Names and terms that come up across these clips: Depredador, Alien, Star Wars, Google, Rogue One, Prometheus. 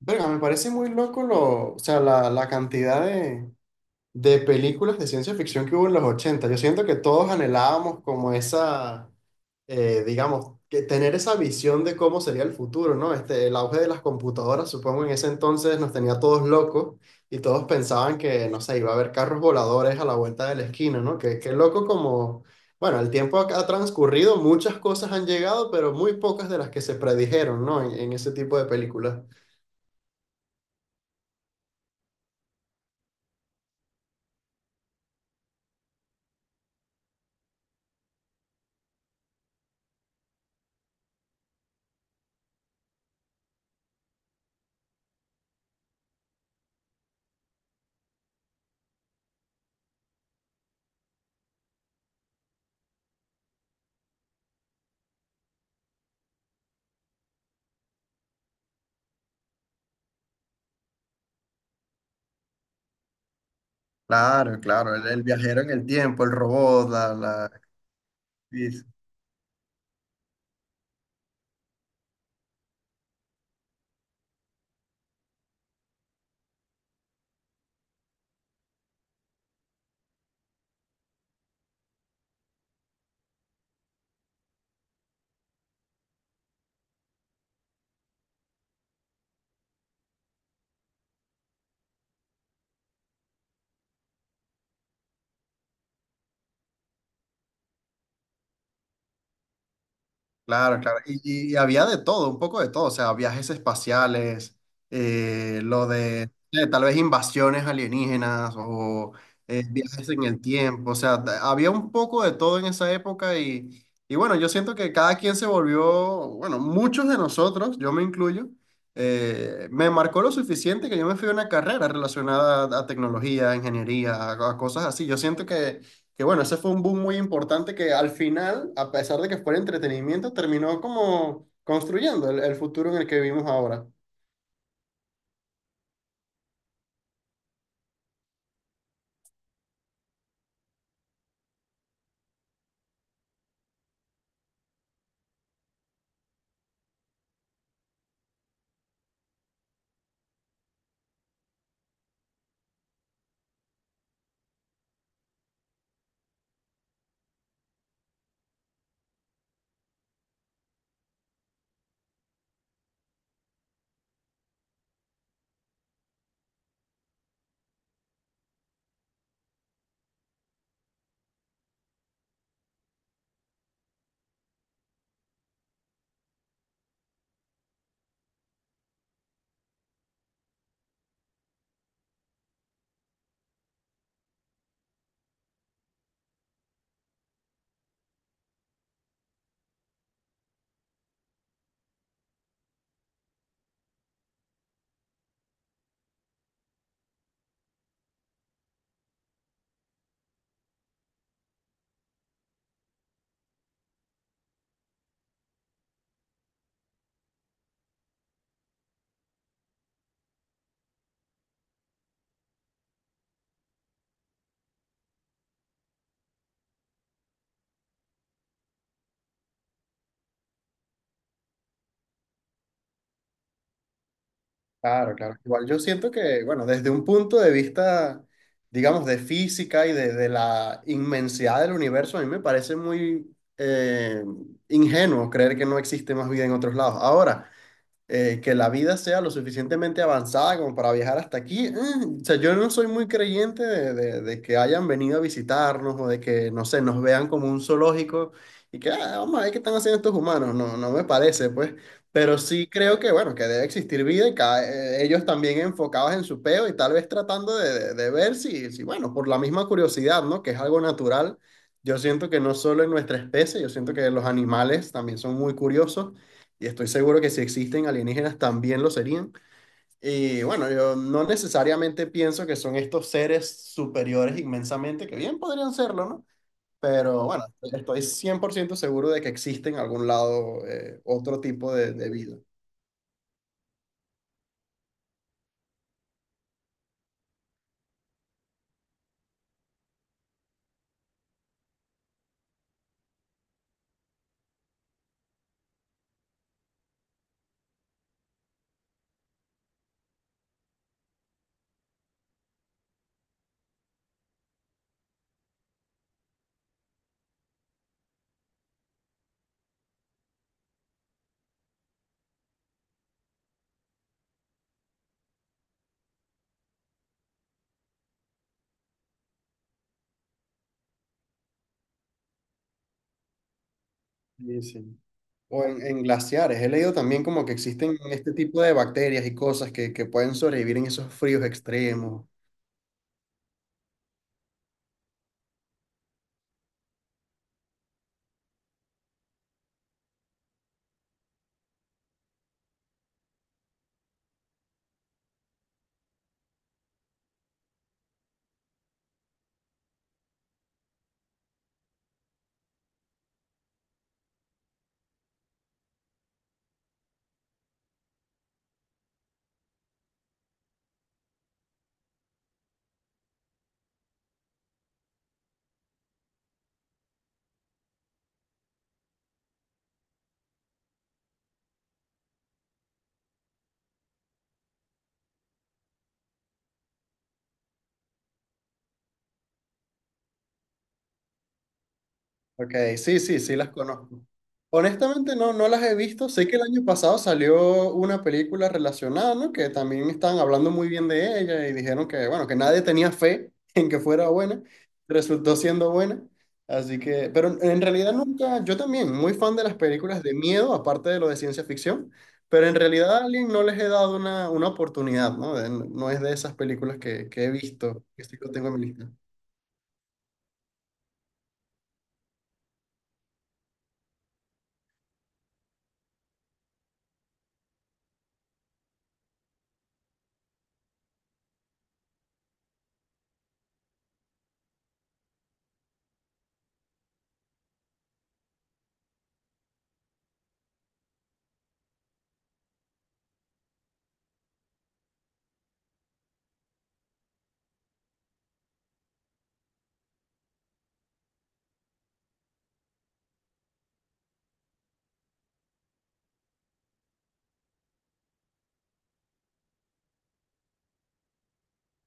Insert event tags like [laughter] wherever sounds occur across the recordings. Verga, me parece muy loco lo, o sea, la cantidad de, películas de ciencia ficción que hubo en los 80. Yo siento que todos anhelábamos como esa, digamos, que tener esa visión de cómo sería el futuro, ¿no? Este, el auge de las computadoras, supongo, en ese entonces nos tenía todos locos y todos pensaban que, no sé, iba a haber carros voladores a la vuelta de la esquina, ¿no? Que, qué loco como, bueno, el tiempo ha transcurrido, muchas cosas han llegado, pero muy pocas de las que se predijeron, ¿no? En ese tipo de películas. Claro, claro, el viajero en el tiempo, el robot, la actriz. Claro, claro. Y había de todo, un poco de todo, o sea, viajes espaciales, lo de tal vez invasiones alienígenas o viajes en el tiempo, o sea, había un poco de todo en esa época y bueno, yo siento que cada quien se volvió, bueno, muchos de nosotros, yo me incluyo, me marcó lo suficiente que yo me fui a una carrera relacionada a, tecnología, a ingeniería, a cosas así. Yo siento que. Que bueno, ese fue un boom muy importante que al final, a pesar de que fuera entretenimiento, terminó como construyendo el futuro en el que vivimos ahora. Claro, claro. Igual yo siento que, bueno, desde un punto de vista, digamos, de física y de, la inmensidad del universo, a mí me parece muy ingenuo creer que no existe más vida en otros lados. Ahora, que la vida sea lo suficientemente avanzada como para viajar hasta aquí. O sea, yo no soy muy creyente de, de que hayan venido a visitarnos o de que, no sé, nos vean como un zoológico y que, "Ah, vamos a ver qué están haciendo estos humanos". No, no me parece, pues. Pero sí creo que, bueno, que debe existir vida y ellos también enfocados en su peo y tal vez tratando de, de ver si, si, bueno, por la misma curiosidad, ¿no? Que es algo natural. Yo siento que no solo en nuestra especie, yo siento que los animales también son muy curiosos y estoy seguro que si existen alienígenas también lo serían. Y bueno, yo no necesariamente pienso que son estos seres superiores inmensamente, que bien podrían serlo, ¿no? Pero bueno, estoy 100% seguro de que existe en algún lado otro tipo de, vida. Sí, sí. O en, glaciares. He leído también como que existen este tipo de bacterias y cosas que pueden sobrevivir en esos fríos extremos. Ok, sí, sí, sí las conozco. Honestamente no, no las he visto. Sé que el año pasado salió una película relacionada, ¿no? Que también estaban hablando muy bien de ella y dijeron que, bueno, que nadie tenía fe [laughs] en que fuera buena. Resultó siendo buena. Así que, pero en realidad nunca, yo también, muy fan de las películas de miedo, aparte de lo de ciencia ficción, pero en realidad a Alien no les he dado una oportunidad, ¿no? No es de esas películas que he visto, que sí lo tengo en mi lista.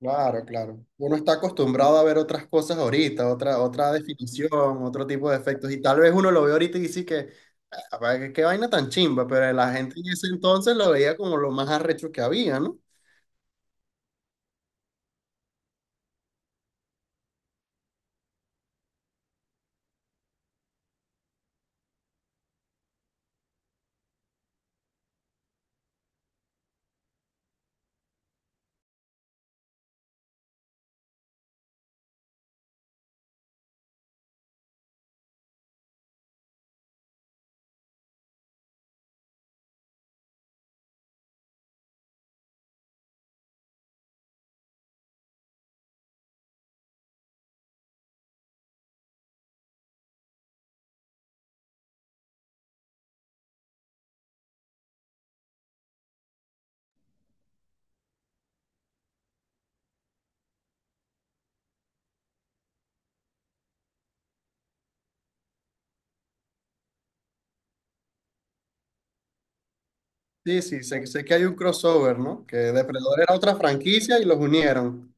Claro, claro. Uno está acostumbrado a ver otras cosas ahorita, otra definición, otro tipo de efectos. Y tal vez uno lo ve ahorita y dice que, "Ah, qué vaina tan chimba", pero la gente en ese entonces lo veía como lo más arrecho que había, ¿no? Sí, sí, sé que hay un crossover, ¿no? Que Depredador era otra franquicia y los unieron.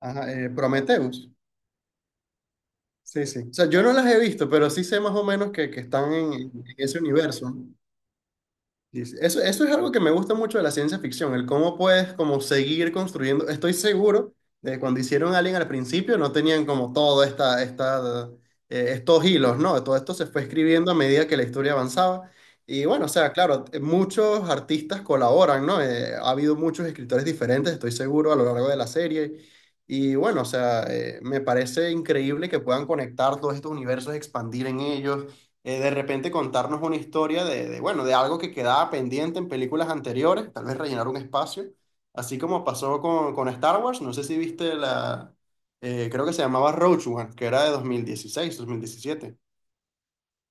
Ajá, Prometheus. Sí, sí. O sea, yo no las he visto, pero sí sé más o menos que están en, ese universo, ¿no? Sí, sí. Eso es algo que me gusta mucho de la ciencia ficción, el cómo puedes como seguir construyendo. Estoy seguro de que cuando hicieron Alien al principio no tenían como todo estos hilos, ¿no? Todo esto se fue escribiendo a medida que la historia avanzaba. Y bueno, o sea, claro, muchos artistas colaboran, ¿no? Ha habido muchos escritores diferentes, estoy seguro, a lo largo de la serie. Y bueno, o sea, me parece increíble que puedan conectar todos estos universos, expandir en ellos de repente contarnos una historia de, bueno, de algo que quedaba pendiente en películas anteriores, tal vez rellenar un espacio, así como pasó con, Star Wars, no sé si viste creo que se llamaba Rogue One, que era de 2016 2017.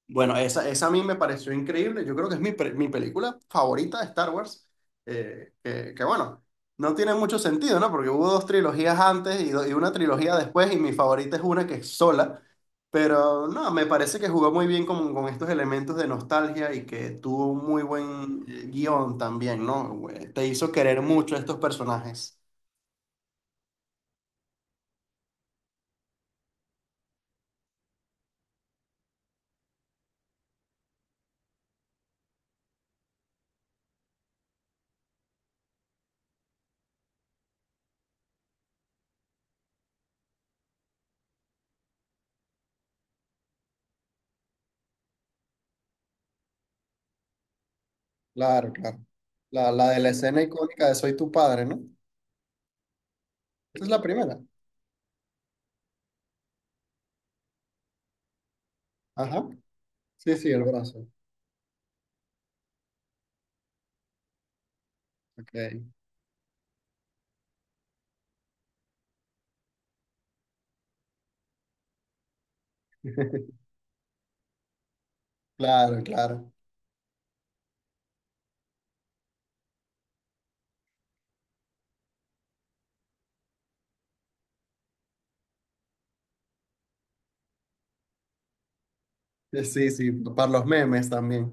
Bueno, esa a mí me pareció increíble. Yo creo que es mi película favorita de Star Wars. Que bueno, no tiene mucho sentido, ¿no? Porque hubo dos trilogías antes y una trilogía después, y mi favorita es una que es sola. Pero no, me parece que jugó muy bien con, estos elementos de nostalgia y que tuvo un muy buen guión también, ¿no? Te hizo querer mucho a estos personajes. Claro, claro. La de la escena icónica de "Soy tu padre", ¿no? Esa es la primera. Ajá. Sí, sí, el brazo. Ok. Claro, claro. Sí, sí, para los memes también.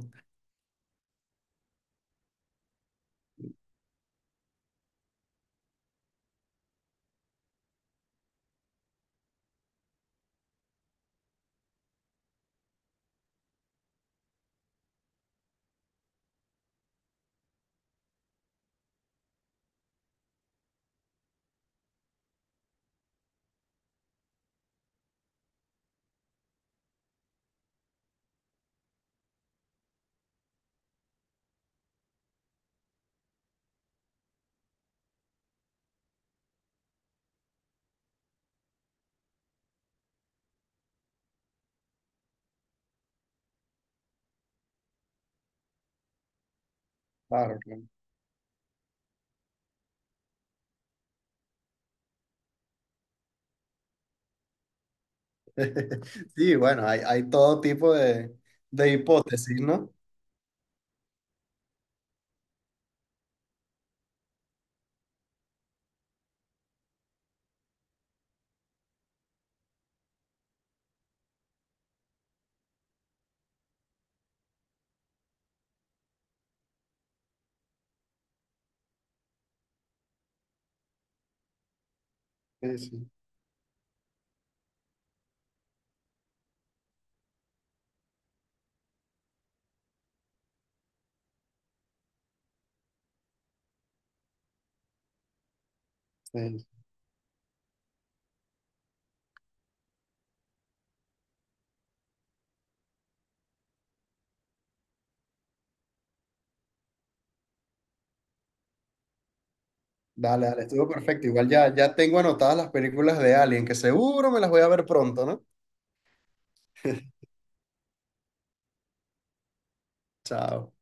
Claro, claro. [laughs] Sí, bueno, hay todo tipo de, hipótesis, ¿no? Sí, sí, sí. Dale, Dale, dale. Estuvo perfecto. Igual ya, ya tengo anotadas las películas de Alien, que seguro me las voy a ver pronto, ¿no? Chao.